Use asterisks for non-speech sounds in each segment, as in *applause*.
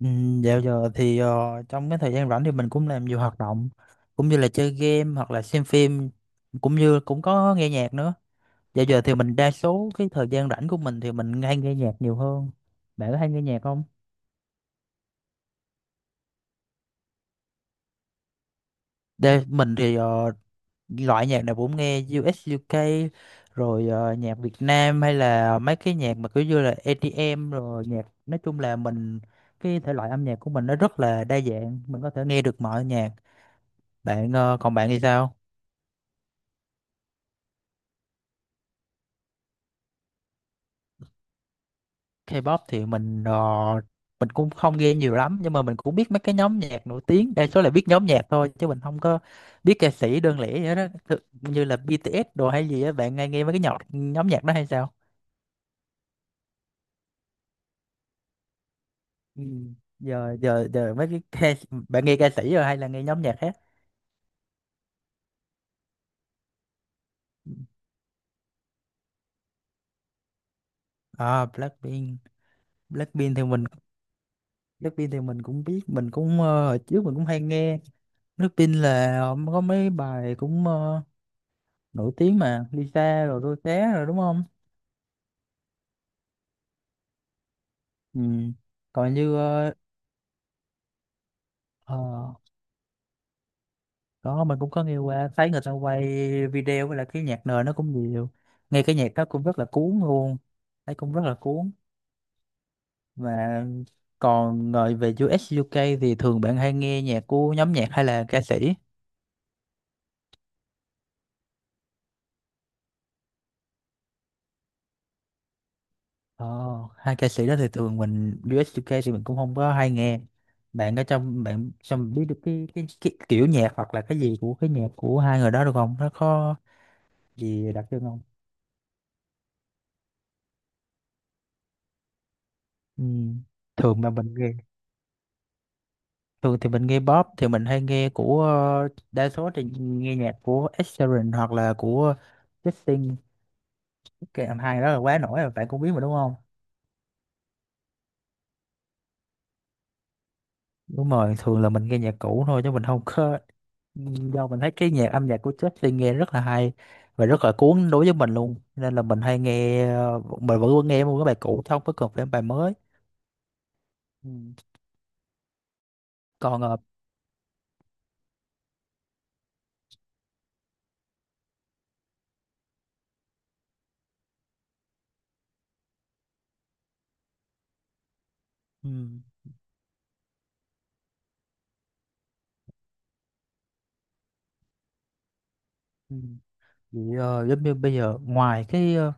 Ừ, dạo giờ thì trong cái thời gian rảnh thì mình cũng làm nhiều hoạt động, cũng như là chơi game hoặc là xem phim, cũng như cũng có nghe nhạc nữa. Dạo giờ thì mình đa số cái thời gian rảnh của mình thì mình hay nghe nhạc nhiều hơn. Bạn có hay nghe nhạc không? Đây mình thì loại nhạc nào cũng nghe, U.S. UK, rồi nhạc Việt Nam, hay là mấy cái nhạc mà kiểu như là EDM, rồi nhạc nói chung là mình, cái thể loại âm nhạc của mình nó rất là đa dạng, mình có thể nghe được mọi nhạc. Bạn còn bạn thì sao? K-pop thì mình mình cũng không nghe nhiều lắm, nhưng mà mình cũng biết mấy cái nhóm nhạc nổi tiếng, đa số là biết nhóm nhạc thôi chứ mình không có biết ca sĩ đơn lẻ vậy đó. Như là BTS đồ hay gì á, bạn nghe nghe mấy cái nhạc nhóm nhạc đó hay sao? Ừ. giờ giờ giờ mấy cái bạn nghe ca sĩ rồi hay là nghe nhóm nhạc khác? À, Blackpink. Blackpink thì mình Blackpink thì mình cũng biết, mình cũng hồi trước mình cũng hay nghe. Blackpink là có mấy bài cũng nổi tiếng mà, Lisa rồi Rosé rồi, đúng không? Ừ. Còn như ờ, đó mình cũng có nghe qua, thấy người ta quay video với lại cái nhạc nền nó cũng nhiều, nghe cái nhạc đó cũng rất là cuốn luôn, thấy cũng rất là cuốn. Và còn ngồi về UK thì thường bạn hay nghe nhạc của nhóm nhạc hay là ca sĩ? ờ, Hai ca sĩ đó thì thường mình UK thì mình cũng không có hay nghe. Bạn có trong bạn trong biết được cái kiểu nhạc hoặc là cái gì của cái nhạc của hai người đó được không, nó có gì đặc trưng không? Ừ. Thường mà mình nghe, thường thì mình nghe pop thì mình hay nghe của, đa số thì nghe nhạc của Ed Sheeran hoặc là của Justin. Cái anh hai đó là quá nổi rồi, bạn cũng biết mà đúng không? Đúng rồi, thường là mình nghe nhạc cũ thôi chứ mình không có, do mình thấy cái nhạc âm nhạc của Justin nghe rất là hay và rất là cuốn đối với mình luôn, nên là mình hay nghe. Ờ, mình vẫn nghe một cái bài cũ chứ không có cần phải bài mới. Ừ. Còn ừ, ừ. Vậy giống như bây giờ, ngoài cái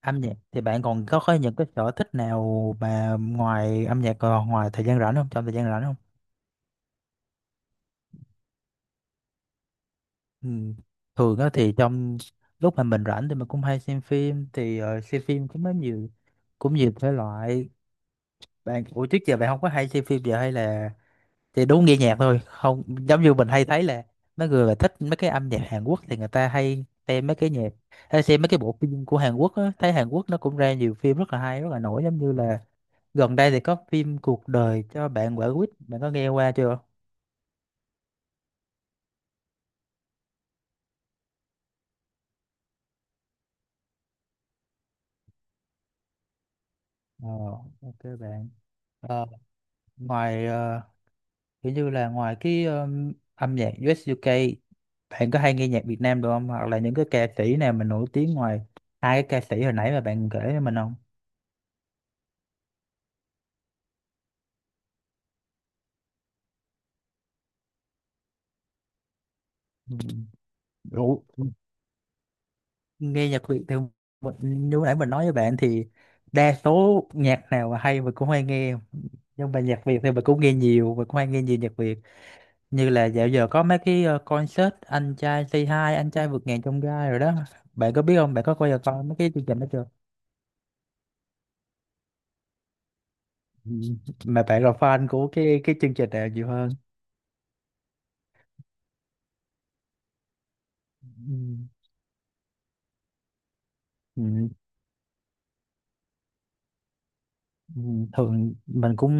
âm nhạc thì bạn còn có những cái sở thích nào mà ngoài âm nhạc, còn ngoài thời gian rảnh không, trong thời gian rảnh không? Ừ. Thường á thì trong lúc mà mình rảnh thì mình cũng hay xem phim, thì xem phim cũng có nhiều, cũng nhiều thể loại. Bạn, ủa trước giờ bạn không có hay xem phim giờ hay là, thì đúng nghe nhạc thôi không, giống như mình hay thấy là mấy người mà thích mấy cái âm nhạc Hàn Quốc thì người ta hay xem mấy cái nhạc, hay xem mấy cái bộ phim của Hàn Quốc á, thấy Hàn Quốc nó cũng ra nhiều phim rất là hay rất là nổi, giống như là gần đây thì có phim Cuộc đời cho bạn quả quýt, bạn có nghe qua chưa? Ờ, ok bạn. Ờ, ngoài kiểu như là ngoài cái âm nhạc US UK, bạn có hay nghe nhạc Việt Nam được không, hoặc là những cái ca sĩ nào mà nổi tiếng ngoài hai cái ca sĩ hồi nãy mà bạn kể cho mình không? Ừ. Ủa, nghe nhạc Việt thì như nãy mình nói với bạn thì đa số nhạc nào mà hay mình cũng hay nghe, nhưng mà nhạc Việt thì mình cũng nghe nhiều, mình cũng hay nghe nhiều nhạc Việt. Như là dạo giờ có mấy cái concert anh trai Say Hi, anh trai vượt ngàn chông gai rồi đó. Bạn có biết không, bạn có coi giờ coi mấy cái chương trình đó chưa? Ừ. Mà bạn là fan của cái chương trình nào nhiều hơn? Ừ. Ừ, ừ, thường mình cũng,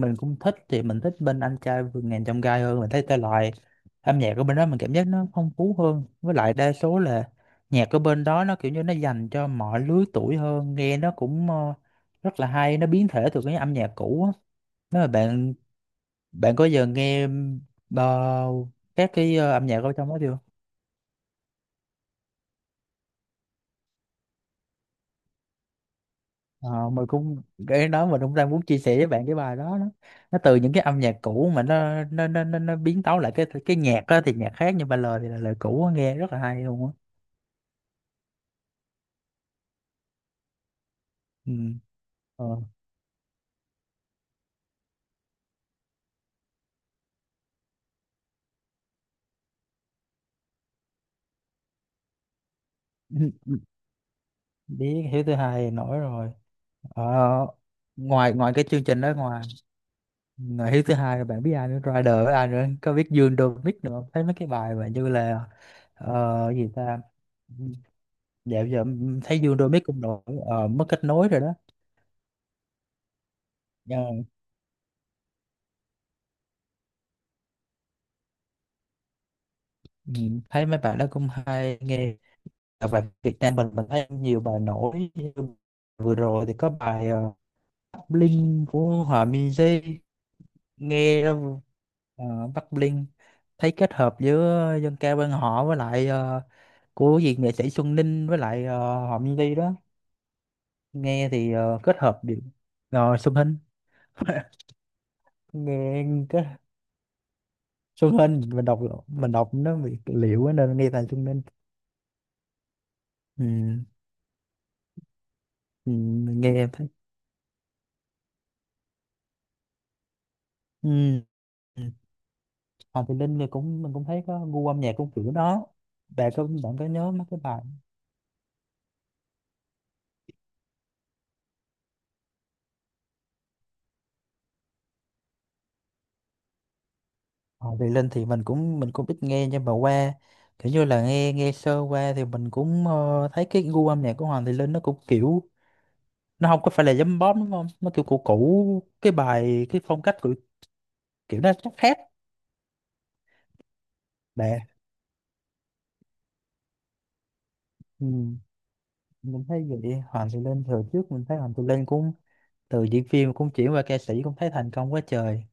mình cũng thích, thì mình thích bên anh trai vượt ngàn chông gai hơn, mình thấy thể loại âm nhạc của bên đó mình cảm giác nó phong phú hơn, với lại đa số là nhạc ở bên đó nó kiểu như nó dành cho mọi lứa tuổi hơn, nghe nó cũng rất là hay, nó biến thể từ cái âm nhạc cũ á, nếu mà bạn. Bạn có giờ nghe ờ, các cái âm nhạc ở trong đó chưa? Ờ, mình cũng, cái đó mình cũng đang muốn chia sẻ với bạn cái bài đó đó. Nó từ những cái âm nhạc cũ mà nó biến tấu lại cái nhạc đó thì nhạc khác, nhưng mà lời thì là lời cũ á, nghe rất là hay luôn á. Ừ. Ờ. *laughs* Biết Hiếu thứ hai nổi rồi. Ờ, ngoài ngoài cái chương trình đó, ngoài ngoài Hiếu thứ hai rồi bạn biết ai nữa, Rider với ai nữa, có biết Dương Domic nữa không? Thấy mấy cái bài mà như là gì ta, dạo giờ em thấy Dương Domic cũng nổi. Ờ, mất kết nối rồi đó. Ờ, ừ, thấy mấy bạn đó cũng hay nghe. Và bài Việt Nam mình thấy nhiều bài nổi, như vừa rồi thì có bài Bắc Linh của Hòa Minzy. Nghe Bắc Linh, thấy kết hợp giữa dân ca quan họ với lại của gì nghệ sĩ Xuân Ninh với lại Hòa Minzy đó, nghe thì kết hợp được. Rồi Xuân Hinh. *laughs* Nghe kết Xuân Hinh, mình đọc, mình đọc nó bị liệu ấy, nên nghe thầy Xuân Hinh. Ừ, ừ, mình nghe em thấy. Ừ. Ừ. Hoàng Thùy Linh thì cũng mình cũng thấy có gu âm nhạc cũng kiểu đó. Bạn có, bạn có nhớ mấy cái bài Hoàng Thùy Linh thì mình cũng, mình cũng ít nghe, nhưng mà qua kiểu như là nghe nghe sơ qua thì mình cũng thấy cái gu âm nhạc của Hoàng Thùy Linh nó cũng kiểu, nó không có phải là giấm bóp đúng không, nó kiểu cũ cũ, cái bài cái phong cách của kiểu nó chắc khác, để. Ừ. Mình thấy vậy Hoàng Thùy Linh thời trước, mình thấy Hoàng Thùy Linh cũng từ diễn viên cũng chuyển qua ca sĩ cũng thấy thành công quá trời.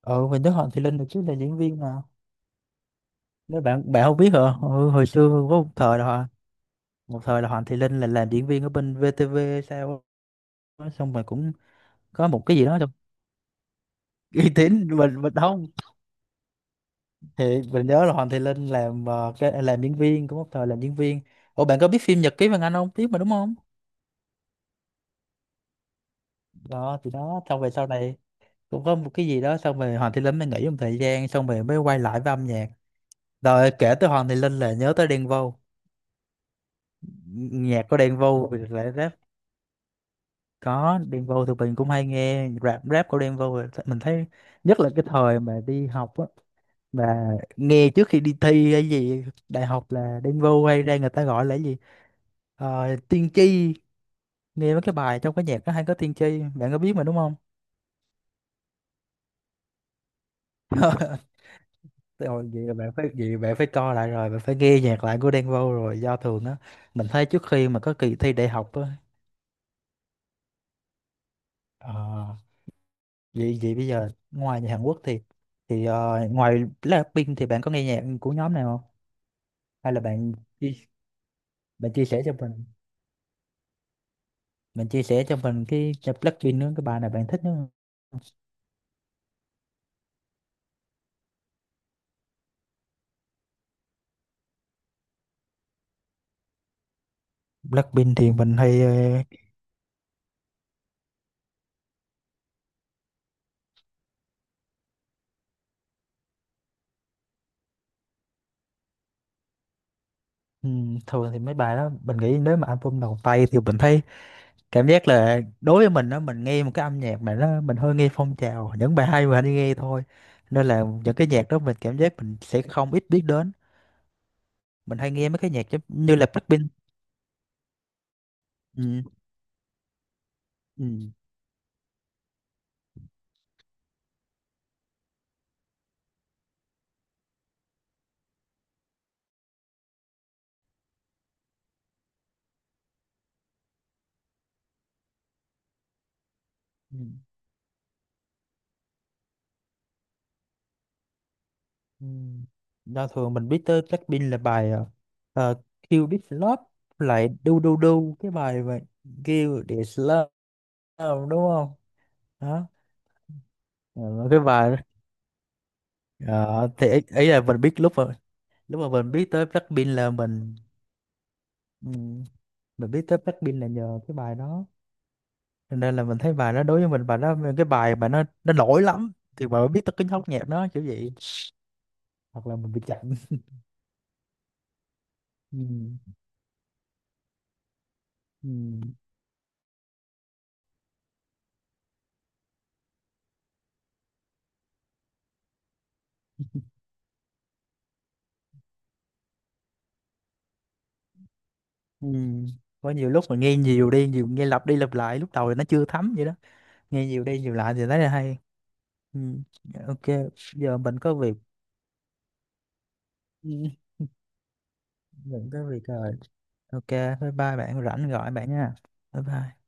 Ừ mình Đức Hoàng Thùy Linh được chứ là diễn viên mà, nếu bạn bạn không biết hả. Ừ, hồi xưa có một thời là một thời là Hoàng Thùy Linh là làm diễn viên ở bên VTV, sao á, xong rồi cũng có một cái gì đó trong *laughs* uy tín mình không, thì mình nhớ là Hoàng Thùy Linh làm cái làm diễn viên cũng một thời làm diễn viên. Ủa bạn có biết phim Nhật ký Vàng Anh không, biết mà đúng không? Đó thì đó xong về sau này cũng có một cái gì đó xong rồi Hoàng Thùy Linh mới nghỉ một thời gian xong rồi mới quay lại với âm nhạc. Rồi kể tới Hoàng Thùy Linh là nhớ tới Đen Vâu. Nhạc của Đen Vâu thì lại rap. Có Đen Vâu thì mình cũng hay nghe rap, rap của Đen Vâu mình thấy, nhất là cái thời mà đi học á mà nghe trước khi đi thi hay gì đại học là Đen Vâu hay ra, người ta gọi là cái gì, ờ, tiên tri, nghe mấy cái bài trong cái nhạc nó hay có tiên tri, bạn có biết mà đúng không? *laughs* Rồi vậy là bạn phải, vậy bạn phải coi lại, rồi bạn phải nghe nhạc lại của Đen Vâu. Rồi do thường á mình thấy trước khi mà có kỳ thi đại học á. ờ, Vậy vậy bây giờ ngoài nhạc Hàn Quốc thì ngoài Blackpink thì bạn có nghe nhạc của nhóm này không, hay là bạn chi- bạn chia sẻ cho mình, bạn chia sẻ cho mình cái Blackpink nữa, cái bài nào bạn thích nữa? Blackpink thì mình hay thường thì mấy bài đó mình nghĩ nếu mà album đầu tay thì mình thấy, cảm giác là đối với mình đó, mình nghe một cái âm nhạc mà nó mình hơi nghe phong trào, những bài hay mình hay nghe thôi, nên là những cái nhạc đó mình cảm giác mình sẽ không ít biết đến, mình hay nghe mấy cái nhạc giống như là Blackpink. Ừ, ừ. Ừ. Ừ. Đo thường mình biết tới Blackpink là bài Kill This Love, lại Do Do Do, cái bài mà Kill This Love đúng không? Đó. Ờ, cái bài ờ, thì ấy, ấy là mình biết lúc mà, lúc mà mình biết tới Blackpink là ừm, mình biết tới Blackpink là nhờ cái bài đó. Cho nên là mình thấy bài đó đối với mình bài đó, cái bài mà nó nổi lắm thì mà mới biết tới cái nhóm nhạc đó kiểu vậy, hoặc là mình bị chậm. Ừ. Ừ. Ừ. Có nhiều lúc mà nghe nhiều đi nhiều, nghe lặp đi lặp lại lúc đầu thì nó chưa thấm vậy đó, nghe nhiều đi nhiều lại thì thấy là hay. Ừ. Ok giờ mình có việc. Ừ. Mình có việc rồi, ok bye bye bạn, rảnh gọi bạn nha. Bye bye.